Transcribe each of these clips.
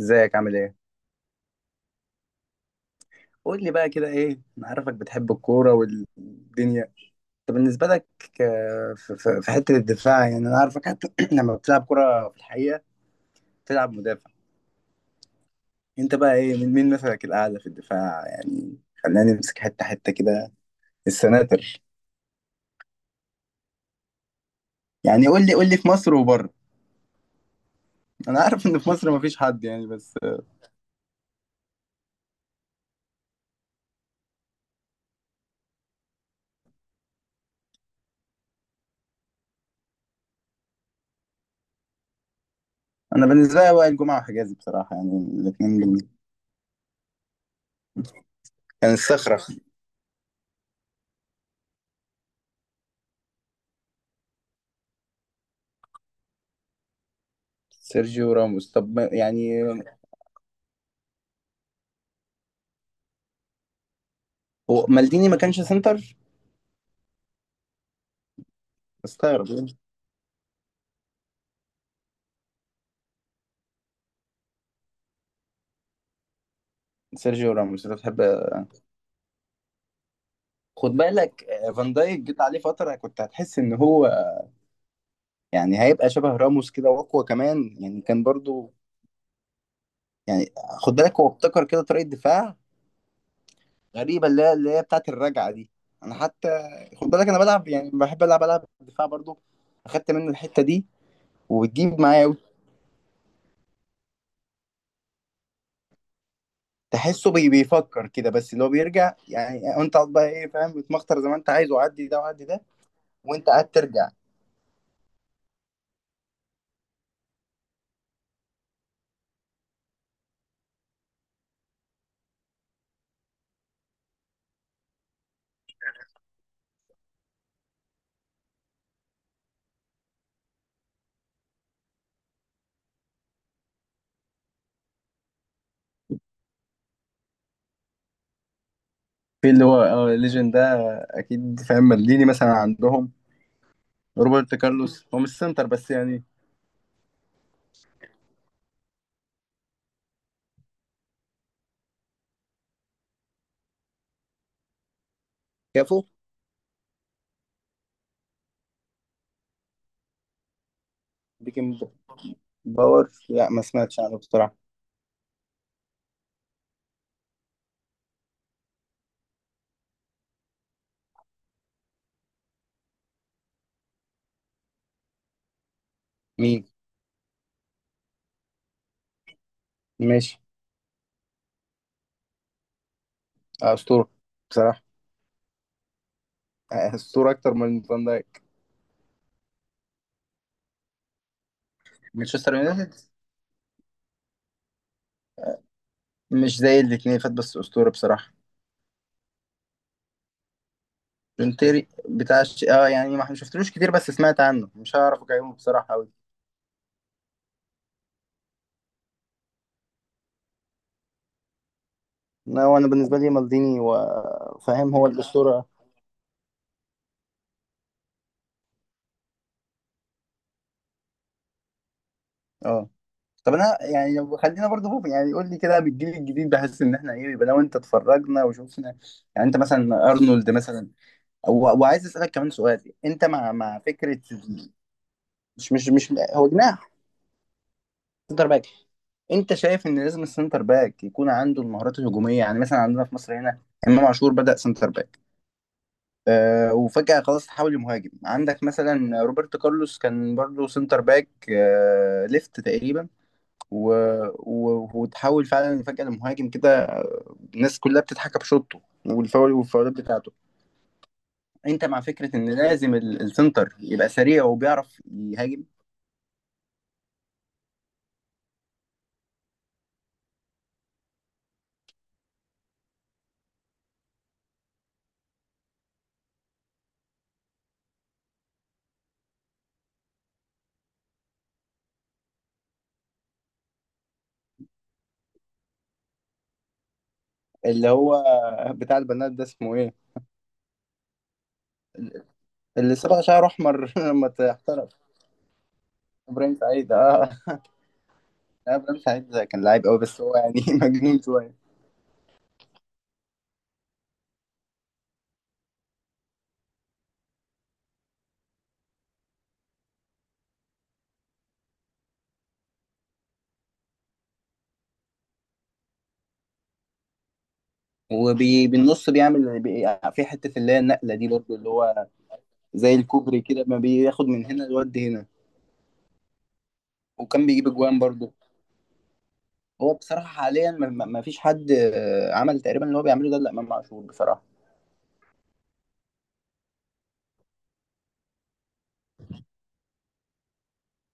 ازيك عامل ايه؟ قول لي بقى كده ايه، انا عارفك بتحب الكورة والدنيا. طب بالنسبة لك، في حتة الدفاع، يعني انا عارفك حتى لما بتلعب كورة في الحقيقة بتلعب مدافع. انت بقى ايه، مين مثلك الاعلى في الدفاع؟ يعني خلينا نمسك حتة حتة كده، السناتر. يعني قول لي في مصر وبره. انا عارف ان في مصر مفيش حد يعني، بس انا بالنسبة لي وائل جمعة وحجازي بصراحة، يعني الاثنين دول كان الصخرة. سيرجيو راموس، طب ما- يعني هو مالديني ما كانش سنتر؟ استغرب. سيرجيو راموس انت بتحب. خد بالك فان دايك جيت عليه فتره كنت هتحس ان هو يعني هيبقى شبه راموس كده واقوى كمان، يعني كان برضو. يعني خد بالك هو ابتكر كده طريقه دفاع غريبه، اللي هي بتاعت الرجعه دي. انا حتى خد بالك انا بلعب، يعني بحب العب دفاع برضو، اخدت منه الحته دي وبتجيب معايا أوي. تحسه بيفكر كده، بس اللي هو بيرجع، يعني انت قاعد بقى ايه فاهم، بتمخطر زي ما انت عايز وعدي ده وعدي ده وانت قاعد ترجع. في اللي هو اه ليجن ده، اكيد فاهم. مالديني مثلا عندهم روبرت كارلوس، هو مش سنتر بس يعني. كافو، بيكن باور، لا ما سمعتش عنه بصراحة. مين؟ ماشي. أسطورة بصراحة. أسطورة أكتر من فان دايك. مانشستر يونايتد، مش زي الاتنين فات بس أسطورة بصراحة. جون تيري بتاع اه، يعني ما شفتلوش كتير بس سمعت عنه، مش هعرف أقيمه بصراحة أوي. لا، هو أنا بالنسبة لي مالديني، وفاهم هو الأسطورة. اه. طب انا يعني لو خلينا برضه فوق، يعني قول لي كده بالجيل الجديد، بحس ان احنا ايه؟ يبقى لو انت اتفرجنا وشوفنا، يعني انت مثلا ارنولد مثلا، وعايز اسالك كمان سؤال: انت مع فكره مش هو جناح سنتر باك؟ انت شايف ان لازم السنتر باك يكون عنده المهارات الهجوميه؟ يعني مثلا عندنا في مصر هنا، امام عاشور بدا سنتر باك، آه، وفجاه خلاص تحول لمهاجم. عندك مثلا روبرتو كارلوس كان برضه سنتر باك، آه، ليفت تقريبا، و... وتحول فعلا فجأة لمهاجم كده، الناس كلها بتضحك بشوطه والفاول والفاولات بتاعته. انت مع فكرة ان لازم السنتر يبقى سريع وبيعرف يهاجم؟ اللي هو بتاع البنات ده اسمه ايه؟ اللي صبغ شعره احمر لما احترف. ابراهيم سعيد، اه. لا، ابراهيم سعيد ده كان لعيب قوي، بس هو يعني مجنون شويه. وبالنص بيعمل في حته اللي هي النقله دي برضو، اللي هو زي الكوبري كده، ما بياخد من هنا لود هنا. وكان بيجيب اجوان برضو. هو بصراحة حاليا ما فيش حد عمل تقريبا اللي هو بيعمله ده إلا إمام عاشور بصراحة.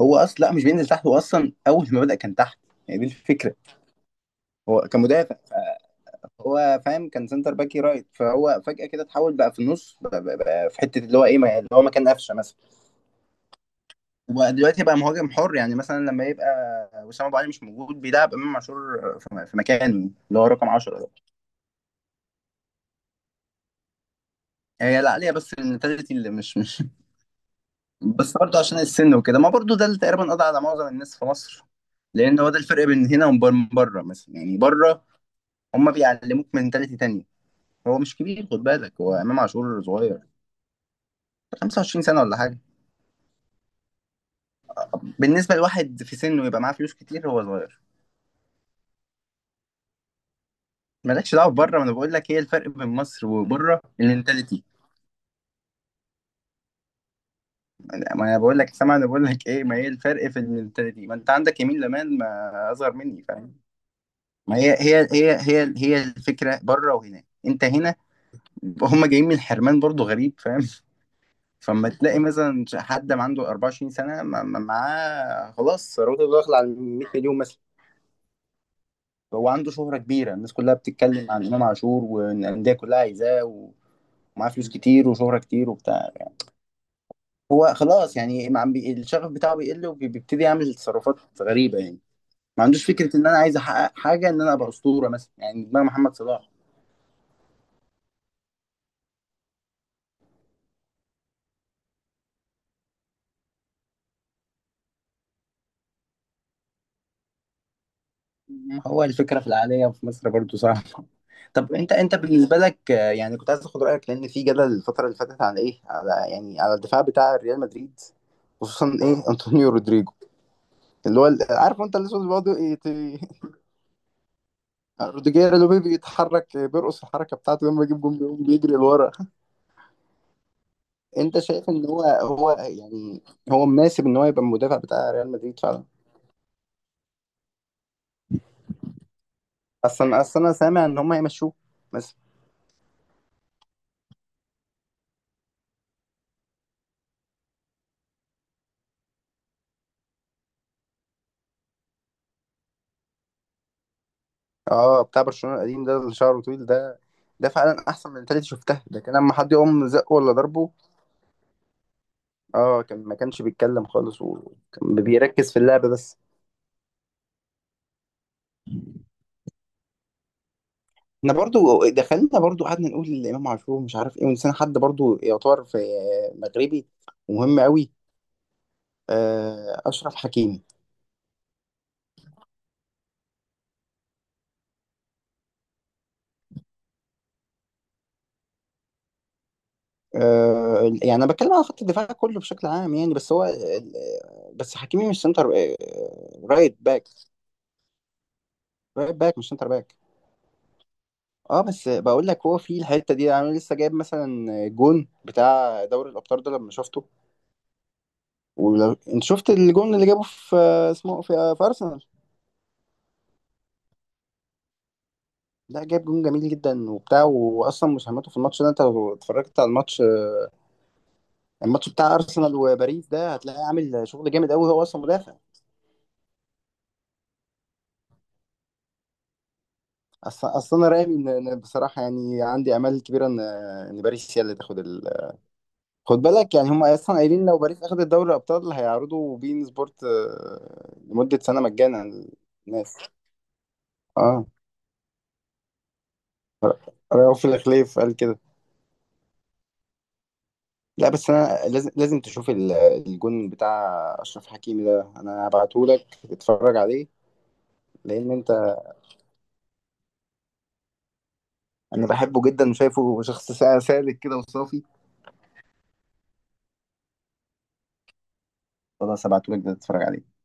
هو أصلا لا، مش بينزل تحت، هو أصلا أول ما بدأ كان تحت، يعني دي الفكرة. هو كان مدافع، هو فاهم كان سنتر باكي رايت، فهو فجأة كده اتحول بقى في النص بقى في حتة اللي هو إيه اللي هو مكان قفشة مثلا. وبقى دلوقتي بقى مهاجم حر، يعني مثلا لما يبقى وسام أبو علي مش موجود بيلعب إمام عاشور في مكانه اللي هو رقم 10 ده. هي لا عليها، بس المنتاليتي اللي مش. بس برضه عشان السن وكده، ما برضه ده اللي تقريبا قضى على معظم الناس في مصر، لان هو ده الفرق بين هنا وبين بره. مثلا يعني بره هم بيعلموك منتاليتي تانية. هو مش كبير، خد بالك هو امام عاشور صغير، 25 سنه ولا حاجه. بالنسبه لواحد في سنه يبقى معاه فلوس كتير هو صغير. مالكش دعوه بره، ما انا بقول لك ايه الفرق بين مصر وبره المنتاليتي. ما انا بقول لك سامع، انا بقول لك ايه ما هي الفرق في المنتاليتي، ما انت عندك يمين لمان ما اصغر مني فاهم. ما هي هي الفكره بره وهنا، انت هنا هم جايين من حرمان برضو غريب فاهم. فما تلاقي مثلا حد ما عنده 24 سنة معاه خلاص ثروته داخلة على 100 مليون مثلا. هو عنده شهرة كبيرة، الناس كلها بتتكلم عن إمام عاشور والأندية كلها عايزاه، ومعاه فلوس كتير وشهرة كتير وبتاع يعني. هو خلاص يعني ما عم الشغف بتاعه بيقل وبيبتدي يعمل تصرفات غريبة يعني. ما عندوش فكرة إن أنا عايز أحقق حاجة، إن أنا أبقى أسطورة مثلا، يعني دماغ محمد صلاح. ما هو الفكرة في العالية في مصر برضو صعبة. طب انت بالنسبة لك، يعني كنت عايز اخد رأيك، لان في جدل الفترة اللي فاتت على ايه، على يعني على الدفاع بتاع ريال مدريد، خصوصا ايه انطونيو رودريجو اللي هو عارف انت الاسود اللي بيقعد روديجير، اللي هو بيتحرك بيرقص الحركة بتاعته لما يجيب جون بيقوم بيجري لورا. انت شايف ان هو يعني هو مناسب ان هو يبقى المدافع بتاع ريال مدريد فعلا؟ اصلا انا سامع ان هم يمشوه. اه بتاع برشلونة القديم ده اللي شعره طويل ده، ده فعلا احسن من التالت شفتها. ده كان لما حد يقوم زقه ولا ضربه، اه كان ما كانش بيتكلم خالص وكان بيركز في اللعب بس. احنا برضو دخلنا برضو قعدنا نقول الامام عاشور مش عارف ايه، ونسينا حد برضو يعتبر في، مغربي، ومهم قوي. اشرف حكيمي. يعني انا بتكلم على خط الدفاع كله بشكل عام يعني، بس هو، بس حكيمي مش سنتر، رايت باك، رايت باك مش سنتر باك. اه بس بقول لك هو في الحته دي، يعني انا لسه جايب مثلا جون بتاع دوري الابطال ده لما شفته. ولو انت شفت الجون اللي جابه في اسمه في, ارسنال، لا، جاب جون جميل جدا وبتاع، واصلا مساهمته في الماتش ده، انت لو اتفرجت على الماتش، الماتش بتاع ارسنال وباريس ده، هتلاقيه عامل شغل جامد قوي، هو اصلا مدافع. اصلا انا رامي ان بصراحه يعني عندي امال كبيره ان ان باريس هي اللي تاخد. خد بالك يعني هم اصلا قايلين لو باريس اخدت دوري الابطال هيعرضوا بين سبورت لمده سنه مجانا للناس. اه رؤوف الخليف قال كده. لا بس انا لازم تشوف الجون بتاع اشرف حكيمي ده، انا هبعته لك تتفرج عليه. لان انت انا بحبه جدا وشايفه شخص سالك كده وصافي. خلاص هبعته لك ده تتفرج عليه